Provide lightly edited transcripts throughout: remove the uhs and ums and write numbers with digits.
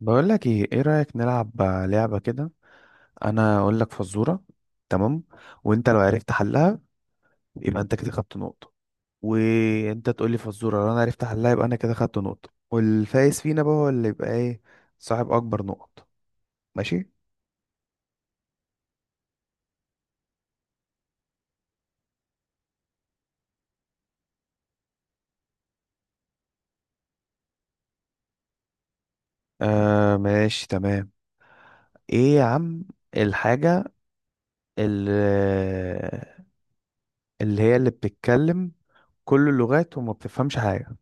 بقول لك ايه، ايه رأيك نلعب لعبة كده؟ انا اقول لك فزورة، تمام؟ وانت لو عرفت حلها يبقى انت كده خدت نقطة. وانت تقول لي فزورة، لو انا عرفت حلها يبقى انا كده خدت نقطة، والفايز فينا بقى هو اللي يبقى ايه، صاحب اكبر نقط. ماشي. آه، ماشي تمام. ايه يا عم، الحاجة اللي, اللي هي اللي بتتكلم كل اللغات وما بتفهمش حاجة؟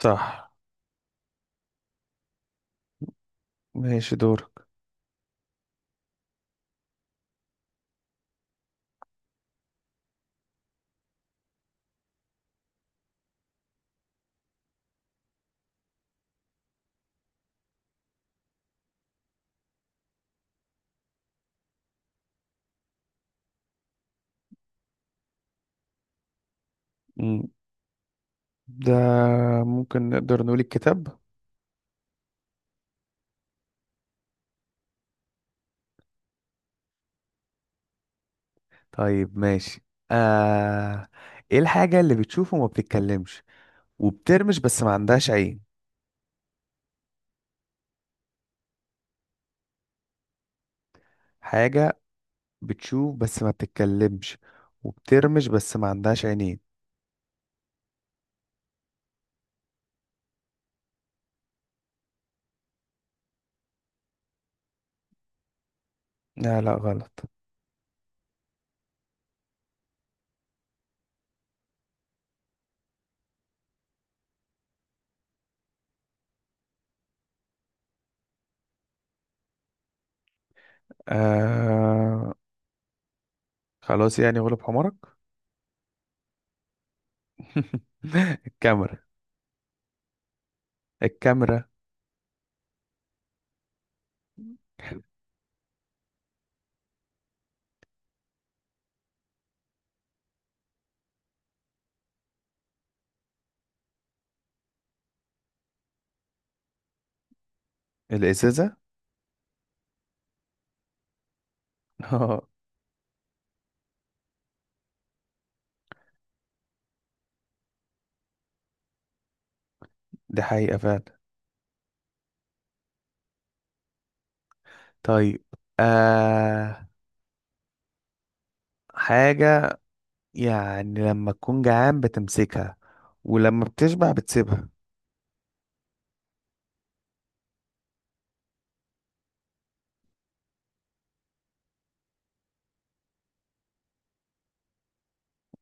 صح. ماشي دورك. مم. ده ممكن نقدر نقول الكتاب. طيب ماشي. آه... ايه الحاجة اللي بتشوف وما بتتكلمش وبترمش بس ما عندهاش عين؟ حاجة بتشوف بس ما بتتكلمش وبترمش بس ما عندهاش عينين. لا لا غلط. آه... خلاص يعني غلب حمارك. الكاميرا. الكاميرا. الإزازة. دي حقيقة فعلا. طيب، آه... حاجة يعني لما تكون جعان بتمسكها، ولما بتشبع بتسيبها.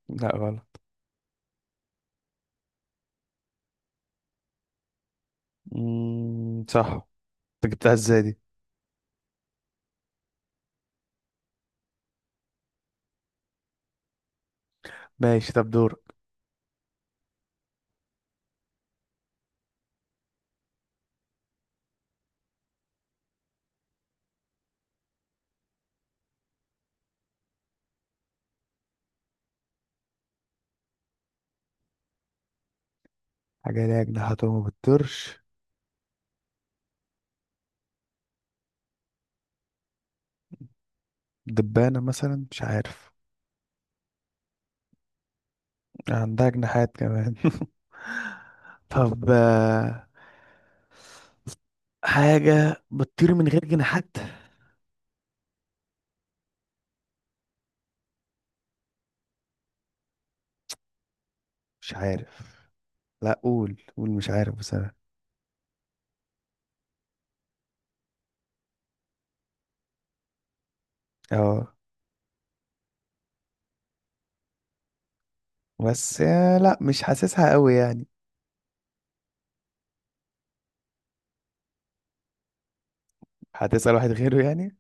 لا غلط. مم، صح. انت جبتها ازاي دي؟ ماشي طب دورك. حاجة ليها جناحات وما بتطيرش؟ دبانة مثلا، مش عارف. عندها جناحات كمان. طب، حاجة بتطير من غير جناحات؟ مش عارف. لا، قول قول، مش عارف بصراحة. اه. بس لا مش حاسسها قوي يعني. هتسأل واحد غيره يعني.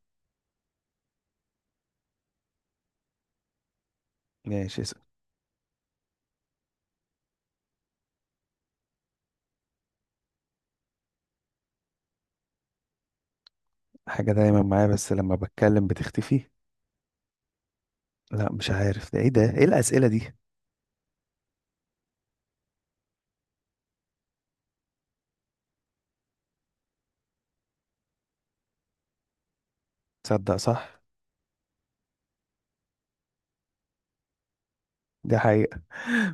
ماشي اسأل. حاجة دايما معايا بس لما بتكلم بتختفي؟ لا مش عارف، ده ايه الأسئلة دي؟ تصدق صح. دي حقيقة.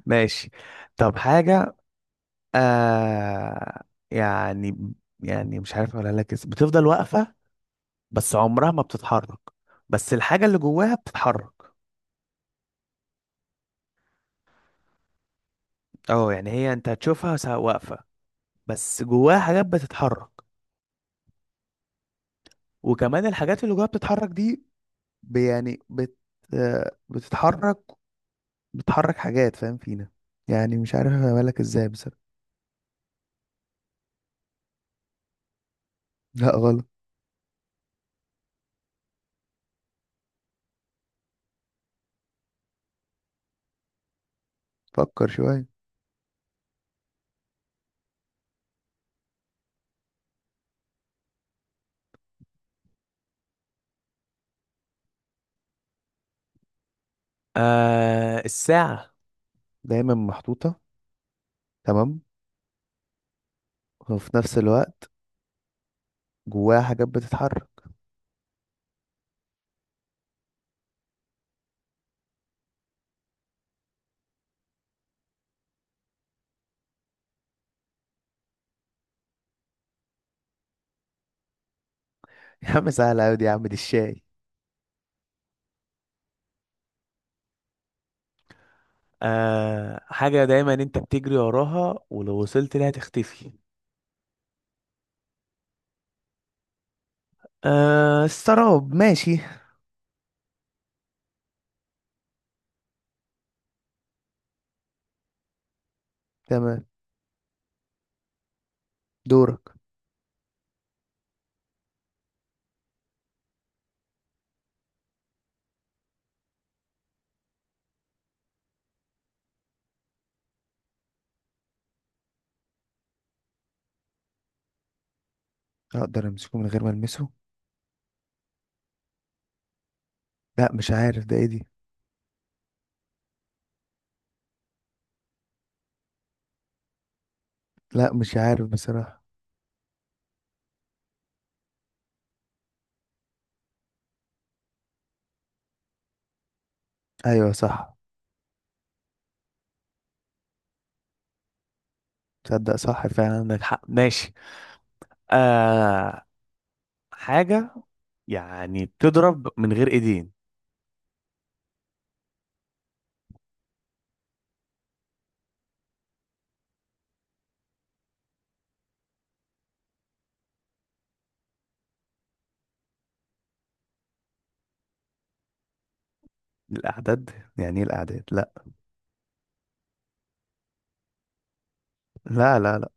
ماشي طب حاجة، آه يعني يعني مش عارف اقولها لك بتفضل واقفة، بس عمرها ما بتتحرك، بس الحاجة اللي جواها بتتحرك. اه يعني هي، انت هتشوفها واقفة، بس جواها حاجات بتتحرك، وكمان الحاجات اللي جواها بتتحرك دي ب- يعني بت آه، بتتحرك، بتحرك حاجات، فاهم فينا، يعني مش عارف اقولها لك ازاي بصراحة. لا غلط. فكر شوية. آه، الساعة دايما محطوطة، تمام، وفي نفس الوقت جواها حاجات بتتحرك. يا عم سهلة أوي دي، يا عم دي الشاي. حاجة دايما انت بتجري وراها ولو وصلت لها تختفي. السراب، ماشي. تمام دورك. أقدر أمسكه من غير ما ألمسه؟ لا مش عارف ده إيه دي. لا مش عارف بصراحة. أيوة صح. تصدق صح، فعلا فعلا عندك حق، ماشي. آه حاجة يعني بتضرب من غير ايدين. الأعداد، يعني إيه الأعداد، لا. لا لا لا.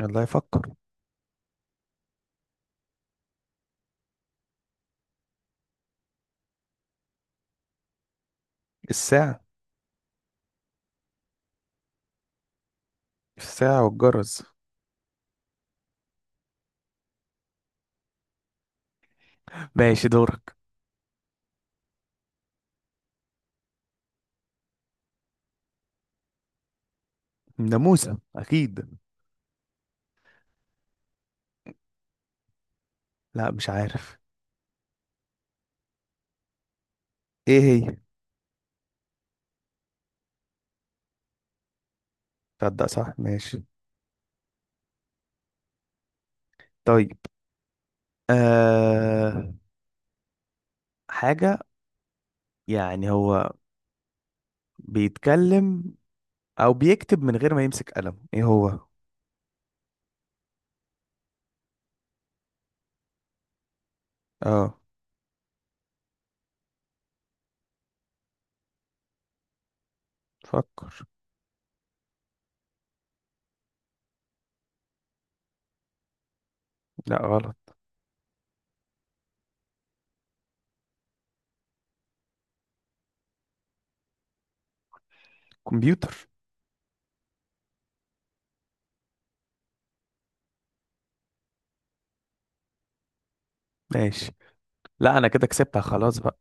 الله يفكر. الساعة. الساعة والجرس. ماشي دورك. ناموسة أكيد. لا مش عارف. إيه هي؟ تصدق صح، ماشي طيب. أه حاجة يعني هو بيتكلم أو بيكتب من غير ما يمسك قلم، إيه هو؟ أه. فكر. لا غلط. كمبيوتر. ماشي. لا أنا كده كسبتها خلاص بقى.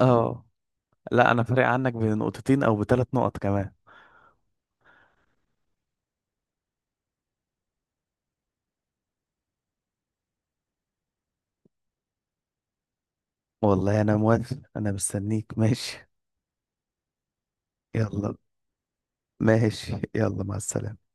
أه. لا أنا فارق عنك بنقطتين أو بثلاث نقط كمان. والله أنا موافق، أنا مستنيك، ماشي. يلا. ماشي يلا مع السلامة.